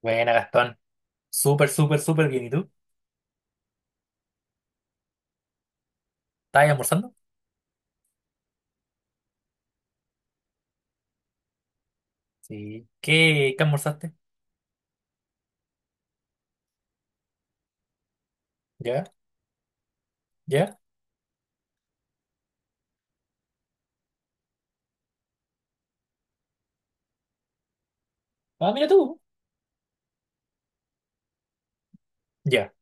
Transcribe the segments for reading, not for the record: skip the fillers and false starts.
Buena, Gastón. Súper, súper, súper bien. ¿Y tú? ¿Estás almorzando? Sí. ¿Qué almorzaste? ¿Ya? ¿Ya? Ah, mira tú. Ya,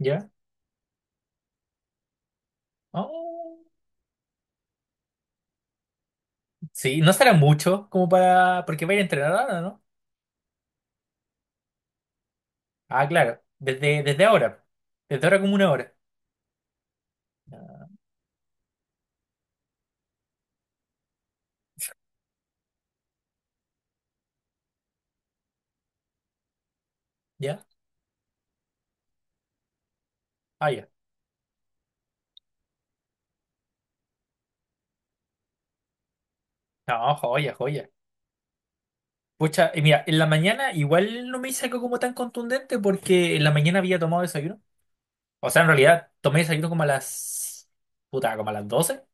ya. Oh. Sí, no será mucho como para... Porque va a ir a entrenar ahora, ¿no? Ah, claro. Desde ahora. Desde ahora como una hora. ¿Ya? Ah, ya. No, joya, joya. Pucha, y mira, en la mañana igual no me hice algo como tan contundente porque en la mañana había tomado desayuno. O sea, en realidad tomé desayuno como a las... Puta, como a las 12.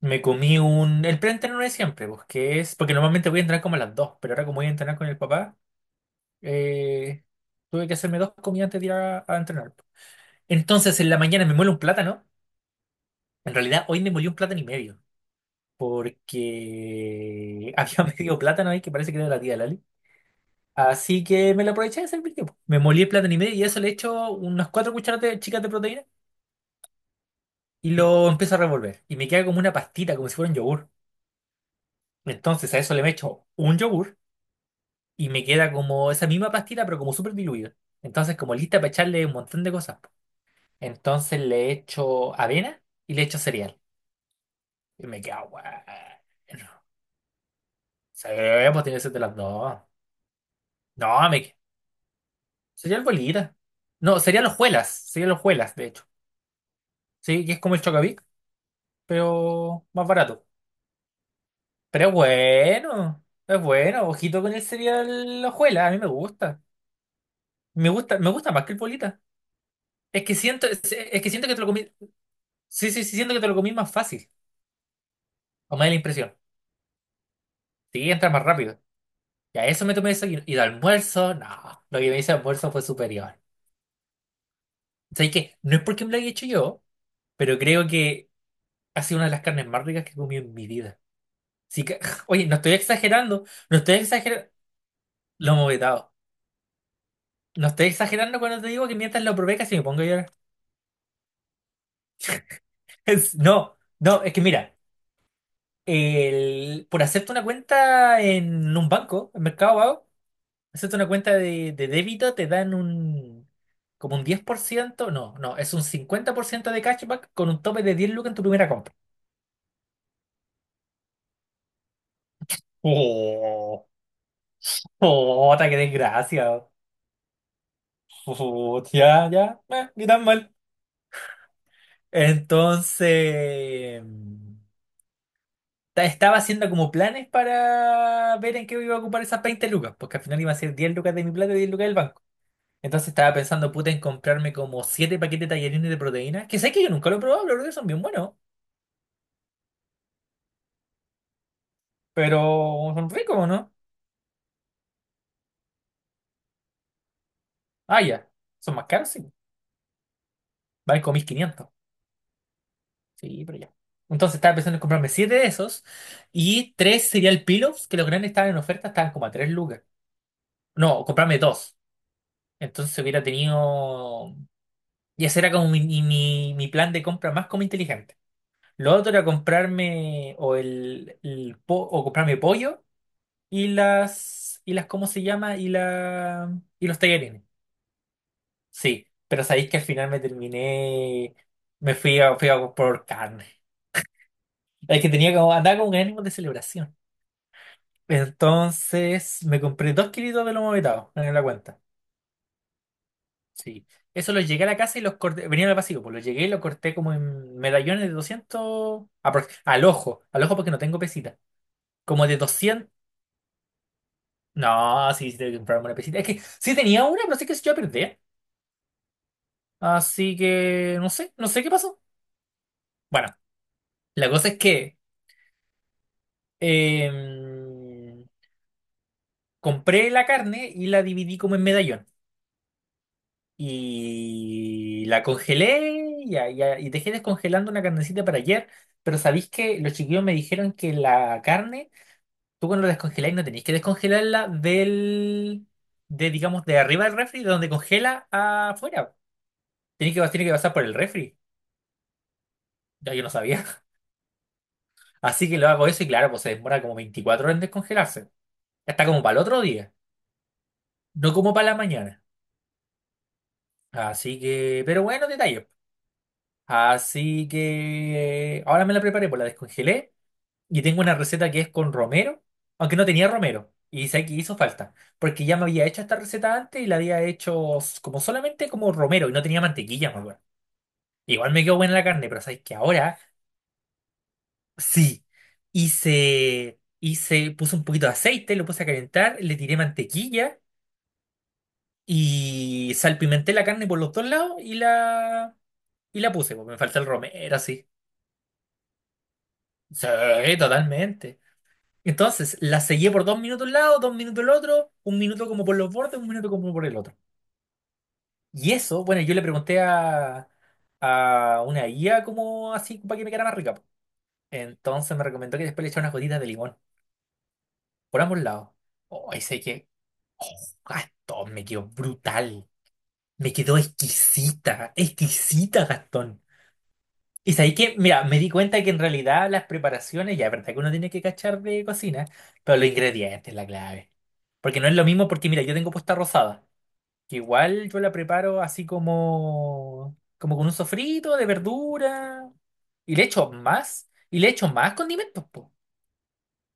Me comí un... El preentreno de siempre, pues, que es... Porque normalmente voy a entrenar como a las dos, pero ahora como voy a entrenar con el papá, eh, tuve que hacerme dos comidas antes de ir a entrenar. Entonces, en la mañana me muele un plátano. En realidad, hoy me molí un plátano y medio, porque había medio plátano ahí que parece que era de la tía Lali. Así que me lo aproveché de servir, pues. Me molí el plátano y medio y a eso le echo unas cuatro cucharadas chicas de proteína y lo empiezo a revolver. Y me queda como una pastita, como si fuera un yogur. Entonces, a eso le echo un yogur y me queda como esa misma pastita, pero como súper diluida. Entonces, como lista para echarle un montón de cosas. Entonces le echo avena y le echo cereal. Y me queda bueno. Sí, pues tiene que ser de las dos. No, me queda. Cereal bolita. No, cereal hojuelas. Cereal hojuelas, de hecho. Sí, que es como el Chocapic, pero más barato. Pero es bueno. Es bueno. Ojito con el cereal hojuelas. A mí me gusta. Me gusta más que el bolita. Es que siento que te lo comí. Sí, sí, sí, siento que te lo comí más fácil. O me da la impresión. Sí, entra más rápido. Y a eso me tomé eso y de almuerzo, no. Lo que me hice de almuerzo fue superior. ¿Sabes qué? No es porque me lo haya hecho yo, pero creo que ha sido una de las carnes más ricas que he comido en mi vida. Así que, oye, no estoy exagerando, no estoy exagerando. Lo hemos vetado. No estoy exagerando cuando te digo que mientras lo probé casi me pongo a llorar. No, no, es que mira, por hacerte una cuenta en un banco, en Mercado Pago. Hacerte una cuenta de débito, te dan un como un 10%. No, no, es un 50% de cashback con un tope de 10 lucas en tu primera compra. Oh, oh, ta, qué desgracia. Oh, ya, ya, ni tan mal. Entonces, estaba haciendo como planes para ver en qué iba a ocupar esas 20 lucas, porque al final iba a ser 10 lucas de mi plata y 10 lucas del banco. Entonces estaba pensando, puta, en comprarme como 7 paquetes de tallarines de proteína, que sé que yo nunca lo he probado, pero creo que son bien buenos. Pero son ricos, ¿no? Ah, ya. Son más caros, sí. Valen como 1.500. Sí, pero ya. Entonces estaba pensando en comprarme 7 de esos y 3 cereal pillows, que los grandes estaban en oferta, estaban como a 3 lucas. No, comprarme dos. Entonces hubiera tenido. Y ese era como mi plan de compra más como inteligente. Lo otro era comprarme o o comprarme pollo y las ¿cómo se llama? Y la y los tallarines. Sí, pero sabéis que al final me terminé, me fui a, fui a comprar carne. Es que andaba con un ánimo de celebración. Entonces me compré 2 kilitos de lomo vetado en la cuenta. Sí. Eso los llegué a la casa y los corté, venía en el vacío, pues los llegué y los corté como en medallones de 200, al ojo porque no tengo pesita. Como de 200. No, sí, sí, tengo que comprarme una pesita. Es que sí tenía una, pero no sé que yo la perdí. Así que no sé, no sé qué pasó. Bueno, la cosa es que... em, compré la carne y la dividí como en medallón. Y la congelé y dejé descongelando una carnecita para ayer. Pero sabéis que los chiquillos me dijeron que la carne, tú cuando la descongeláis no tenéis que descongelarla de, digamos, de arriba del refri, de donde congela afuera. Tiene que pasar por el refri. Ya yo no sabía. Así que lo hago eso y claro, pues se demora como 24 horas en descongelarse. Está como para el otro día, no como para la mañana. Así que, pero bueno, detalle. Así que ahora me la preparé, pues la descongelé y tengo una receta que es con romero, aunque no tenía romero. Y sé que hizo falta, porque ya me había hecho esta receta antes y la había hecho como solamente como romero y no tenía mantequilla, me acuerdo. Igual me quedó buena la carne, pero sabéis que ahora sí puse un poquito de aceite, lo puse a calentar, le tiré mantequilla y salpimenté la carne por los dos lados y la puse, pues me falta el romero, así. Sí, totalmente. Entonces, la seguí por 2 minutos un lado, 2 minutos el otro, 1 minuto como por los bordes, 1 minuto como por el otro. Y eso, bueno, yo le pregunté a una guía como así para que me quedara más rica, po. Entonces me recomendó que después le echara unas gotitas de limón por ambos lados. Oh, Gastón, me quedó brutal. Me quedó exquisita, exquisita, Gastón. Y sabéis que, mira, me di cuenta que en realidad las preparaciones, ya es verdad que uno tiene que cachar de cocina, pero los ingredientes es la clave. Porque no es lo mismo, porque mira, yo tengo posta rosada, que igual yo la preparo así como con un sofrito de verdura, y le echo más condimentos, po.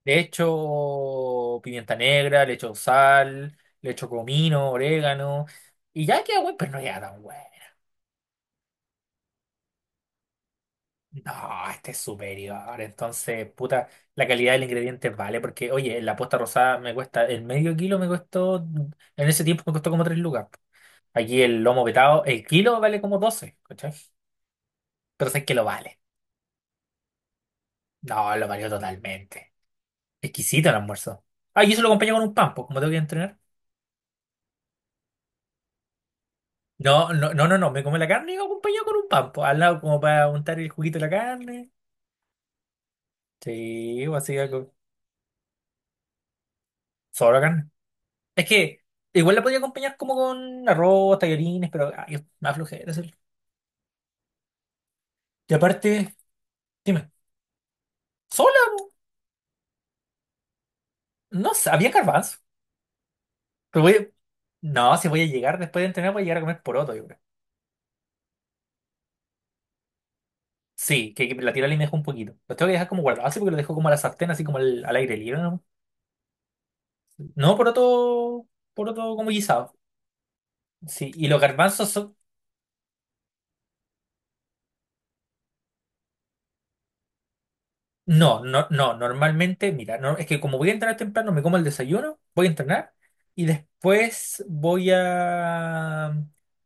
Le echo pimienta negra, le echo sal, le echo comino, orégano, y ya queda bueno, pero no queda tan bueno. No, este es superior. Entonces, puta, la calidad del ingrediente vale. Porque, oye, la posta rosada el medio kilo me costó, en ese tiempo me costó como 3 lucas. Aquí el lomo vetado, el kilo vale como 12, ¿cachai? Pero sé que lo vale. No, lo valió totalmente. Exquisito el almuerzo. Ah, y eso lo acompañé con un pan, pues, como tengo que entrenar. No, no, no, no, no, me come la carne y lo acompañé con un pan, pues, al lado como para untar el juguito de la carne. Sí, o así algo. Solo carne. Es que igual la podía acompañar como con arroz, tallarines, pero ay, es más flojera hacerlo. Y aparte, dime, sola, no sé, había garbanzo. Pero voy a- No, si voy a llegar después de entrenar, voy a llegar a comer poroto, yo creo. Sí, que la tira y me dejo un poquito. Lo tengo que dejar como guardado así porque lo dejo como a la sartén, así como al aire libre, ¿no? No, poroto, poroto como guisado. Sí, y los garbanzos son. No, no, no, normalmente, mira, no, es que como voy a entrenar temprano, me como el desayuno, voy a entrenar y después voy a...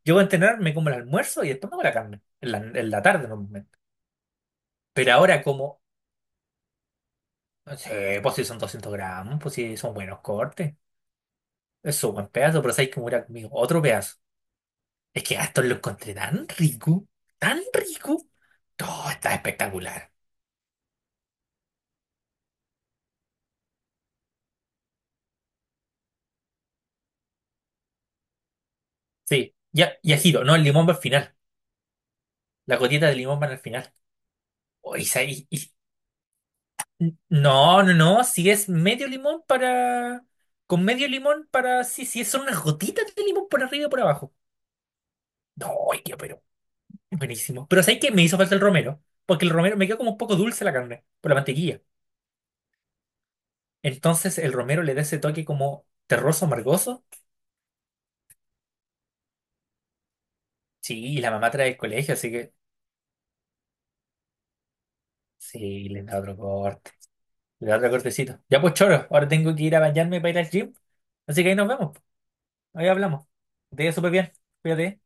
Llego a entrenar, me como el almuerzo y después me como la carne, en la tarde normalmente. Pero ahora como, sí, pues si son 200 gramos, pues si son buenos cortes, es un buen pedazo, pero sabéis que me hubiera comido otro pedazo. Es que esto lo encontré tan rico, todo está espectacular. Sí, ya, y ají, no, el limón va al final, la gotita de limón va al final. Oh, No, no, no, si es medio limón para... Con medio limón para... Sí, sí, son unas gotitas de limón por arriba y por abajo. No, ay, qué pero buenísimo. Pero ¿sabes qué? Me hizo falta el romero, porque el romero me quedó como un poco dulce la carne, por la mantequilla. Entonces el romero le da ese toque como terroso, amargoso. Sí, y la mamá trae del colegio, así que... Sí, le da otro corte, le da otro cortecito. Ya pues choro, ahora tengo que ir a bañarme para ir al gym. Así que ahí nos vemos, ahí hablamos. Te veo súper bien, cuídate.